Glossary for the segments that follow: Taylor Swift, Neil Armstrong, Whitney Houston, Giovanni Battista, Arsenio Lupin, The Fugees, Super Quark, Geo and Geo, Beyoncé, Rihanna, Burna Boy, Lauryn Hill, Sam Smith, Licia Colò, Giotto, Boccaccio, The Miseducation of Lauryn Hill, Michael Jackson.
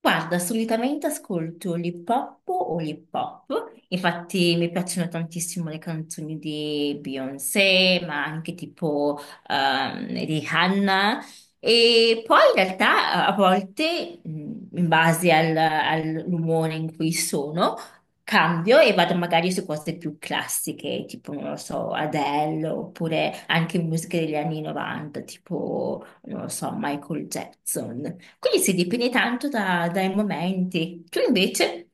Guarda, solitamente ascolto l'hip hop o l'hip hop. Infatti mi piacciono tantissimo le canzoni di Beyoncé, ma anche tipo di Hannah. E poi in realtà a volte, in base all'umore in cui sono, cambio e vado magari su cose più classiche, tipo, non lo so, Adele, oppure anche musiche degli anni 90, tipo, non lo so, Michael Jackson. Quindi si dipende tanto dai momenti. Tu invece?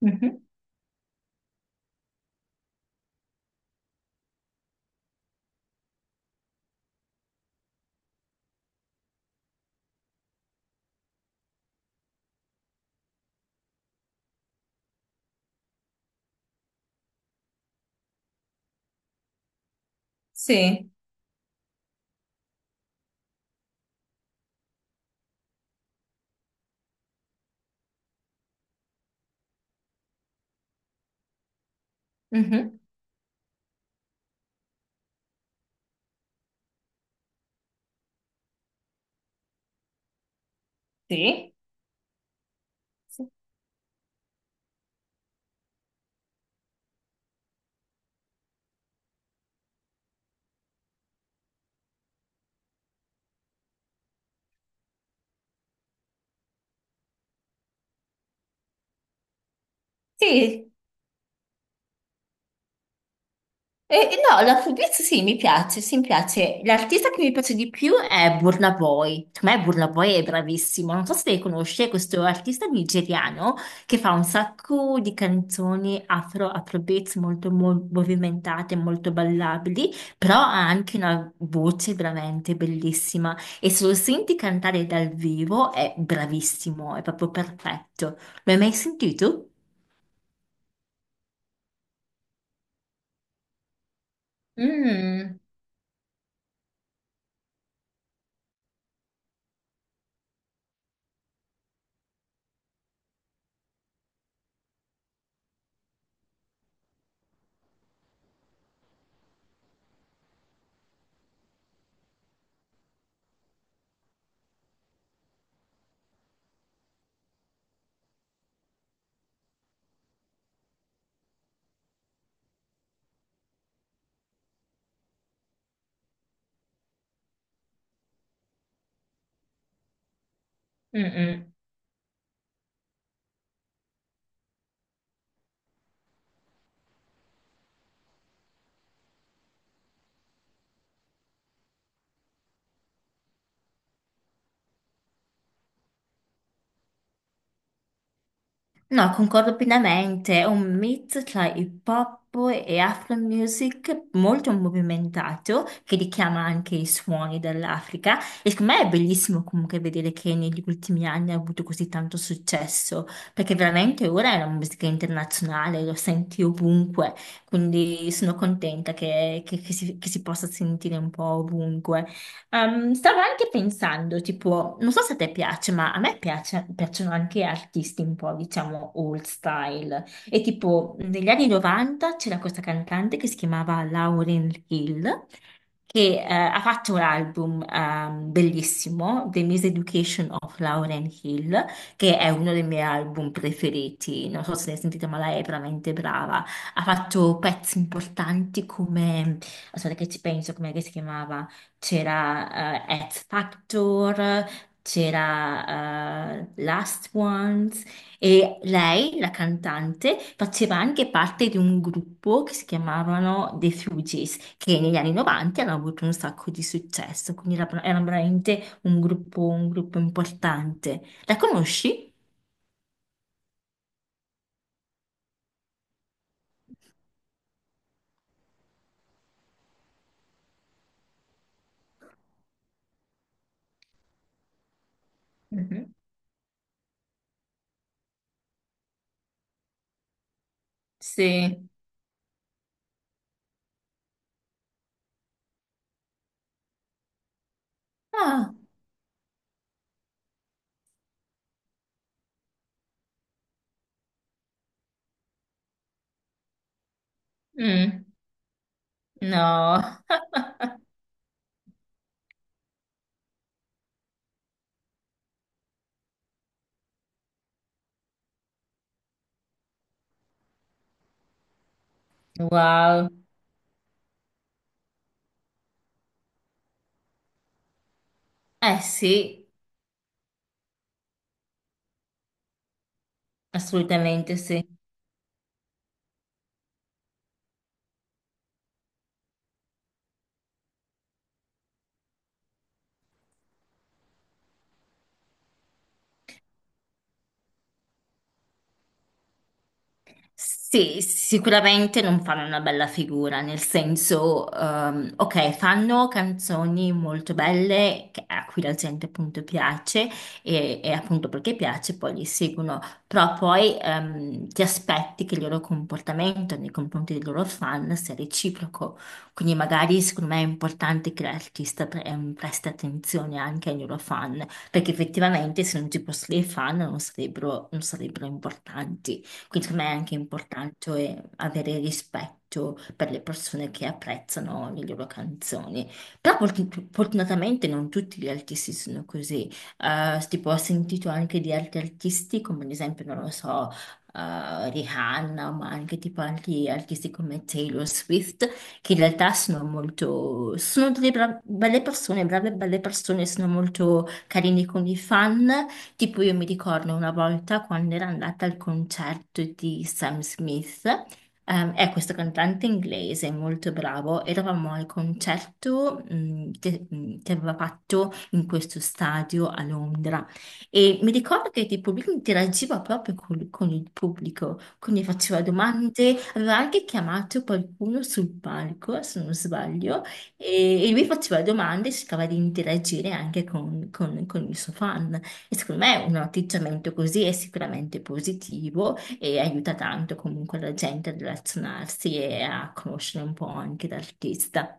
Mhm. Sì. Mhm. Sì. Sì. E, no, la Fulbright sì, mi piace, sì, mi piace. L'artista che mi piace di più è Burna Boy. Per me Burna Boy è bravissimo. Non so se lei conosce questo artista nigeriano che fa un sacco di canzoni afro, afrobeats molto movimentate, molto ballabili, però ha anche una voce veramente bellissima e se lo senti cantare dal vivo è bravissimo, è proprio perfetto. L'hai mai sentito? Mm, mm, mm. No, concordo pienamente, è un mix tra hip hop e afro music molto movimentato che richiama anche i suoni dell'Africa e secondo me è bellissimo comunque vedere che negli ultimi anni ha avuto così tanto successo perché veramente ora è una musica internazionale, lo senti ovunque, quindi sono contenta che si possa sentire un po' ovunque. Stavo anche pensando, tipo, non so se a te piace, ma a me piacciono anche artisti un po', diciamo, old style. E tipo, negli anni 90 c'era questa cantante che si chiamava Lauryn Hill che ha fatto un album bellissimo, The Miseducation of Lauren Hill, che è uno dei miei album preferiti. Non so se ne sentite, ma lei è veramente brava. Ha fatto pezzi importanti come, aspetta che ci penso, come si chiamava? C'era X Factor, c'era Last Ones, e lei, la cantante, faceva anche parte di un gruppo che si chiamavano The Fugees, che negli anni 90 hanno avuto un sacco di successo, quindi era veramente un gruppo importante. La conosci? Mhm. Sì. Ah. Mm. No. Wow. Eh sì, assolutamente sì. Sì, sicuramente non fanno una bella figura, nel senso, ok, fanno canzoni molto belle a cui la gente appunto piace e appunto perché piace poi li seguono, però poi ti aspetti che il loro comportamento nei confronti dei loro fan sia reciproco, quindi magari secondo me è importante che l'artista presti attenzione anche ai loro fan, perché effettivamente se non ci fossero i fan non sarebbero importanti. Quindi secondo me è anche importante avere rispetto per le persone che apprezzano le loro canzoni. Però fortunatamente non tutti gli artisti sono così. Tipo, ho sentito anche di altri artisti, come ad esempio, non lo so, Rihanna, ma anche tipo altri artisti come Taylor Swift, che in realtà sono delle belle persone, brave e belle persone, sono molto carini con i fan. Tipo io mi ricordo una volta quando ero andata al concerto di Sam Smith, è questo cantante inglese molto bravo, eravamo al concerto che aveva fatto in questo stadio a Londra e mi ricordo che tipo lui interagiva proprio con il pubblico, quindi faceva domande, aveva anche chiamato qualcuno sul palco, se non sbaglio, e lui faceva domande e cercava di interagire anche con il suo fan. E secondo me un atteggiamento così è sicuramente positivo e aiuta tanto comunque la gente a relazionarsi e a conoscere un po' anche l'artista.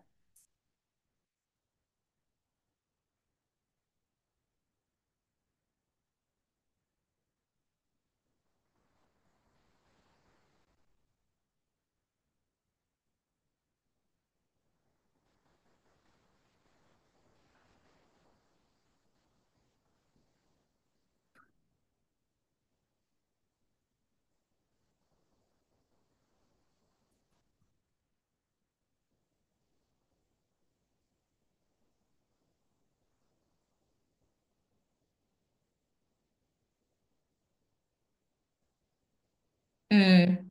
Mm,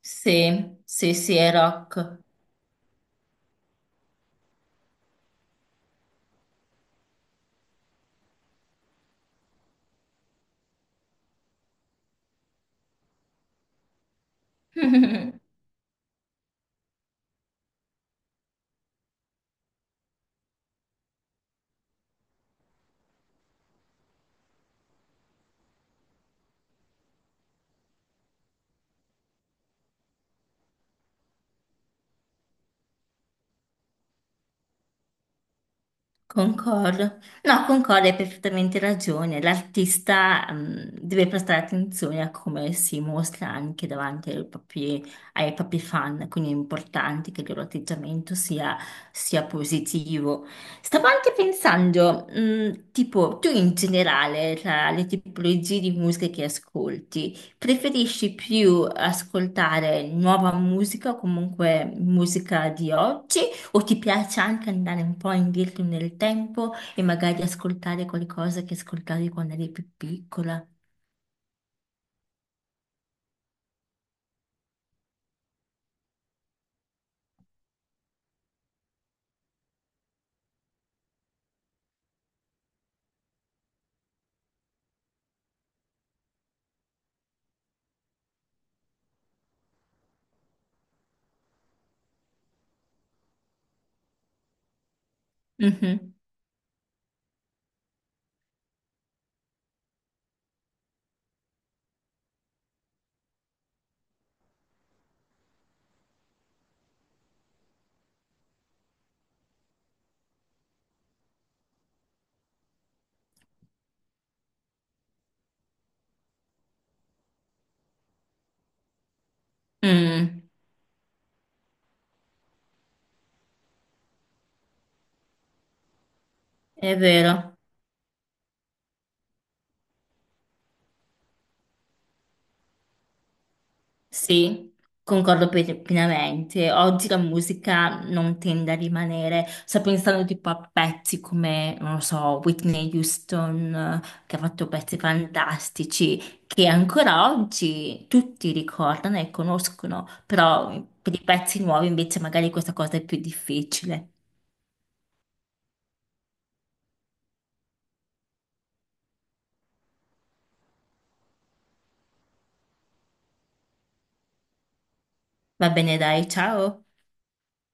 sì, sì, sì, è rock. Concordo. No, concordo, hai perfettamente ragione. L'artista, deve prestare attenzione a come si mostra anche davanti ai propri fan, quindi è importante che il loro atteggiamento sia, sia positivo. Stavo anche pensando, tipo, tu in generale, tra le tipologie di musica che ascolti, preferisci più ascoltare nuova musica o comunque musica di oggi? O ti piace anche andare un po' indietro nel tempo e magari ascoltare qualcosa che ascoltavi quando eri più piccola? Mhm. Mm, è vero. Sì, concordo pienamente. Oggi la musica non tende a rimanere. Sto pensando tipo a pezzi come, non lo so, Whitney Houston, che ha fatto pezzi fantastici, che ancora oggi tutti ricordano e conoscono, però per i pezzi nuovi invece magari questa cosa è più difficile. Va bene, dai, ciao.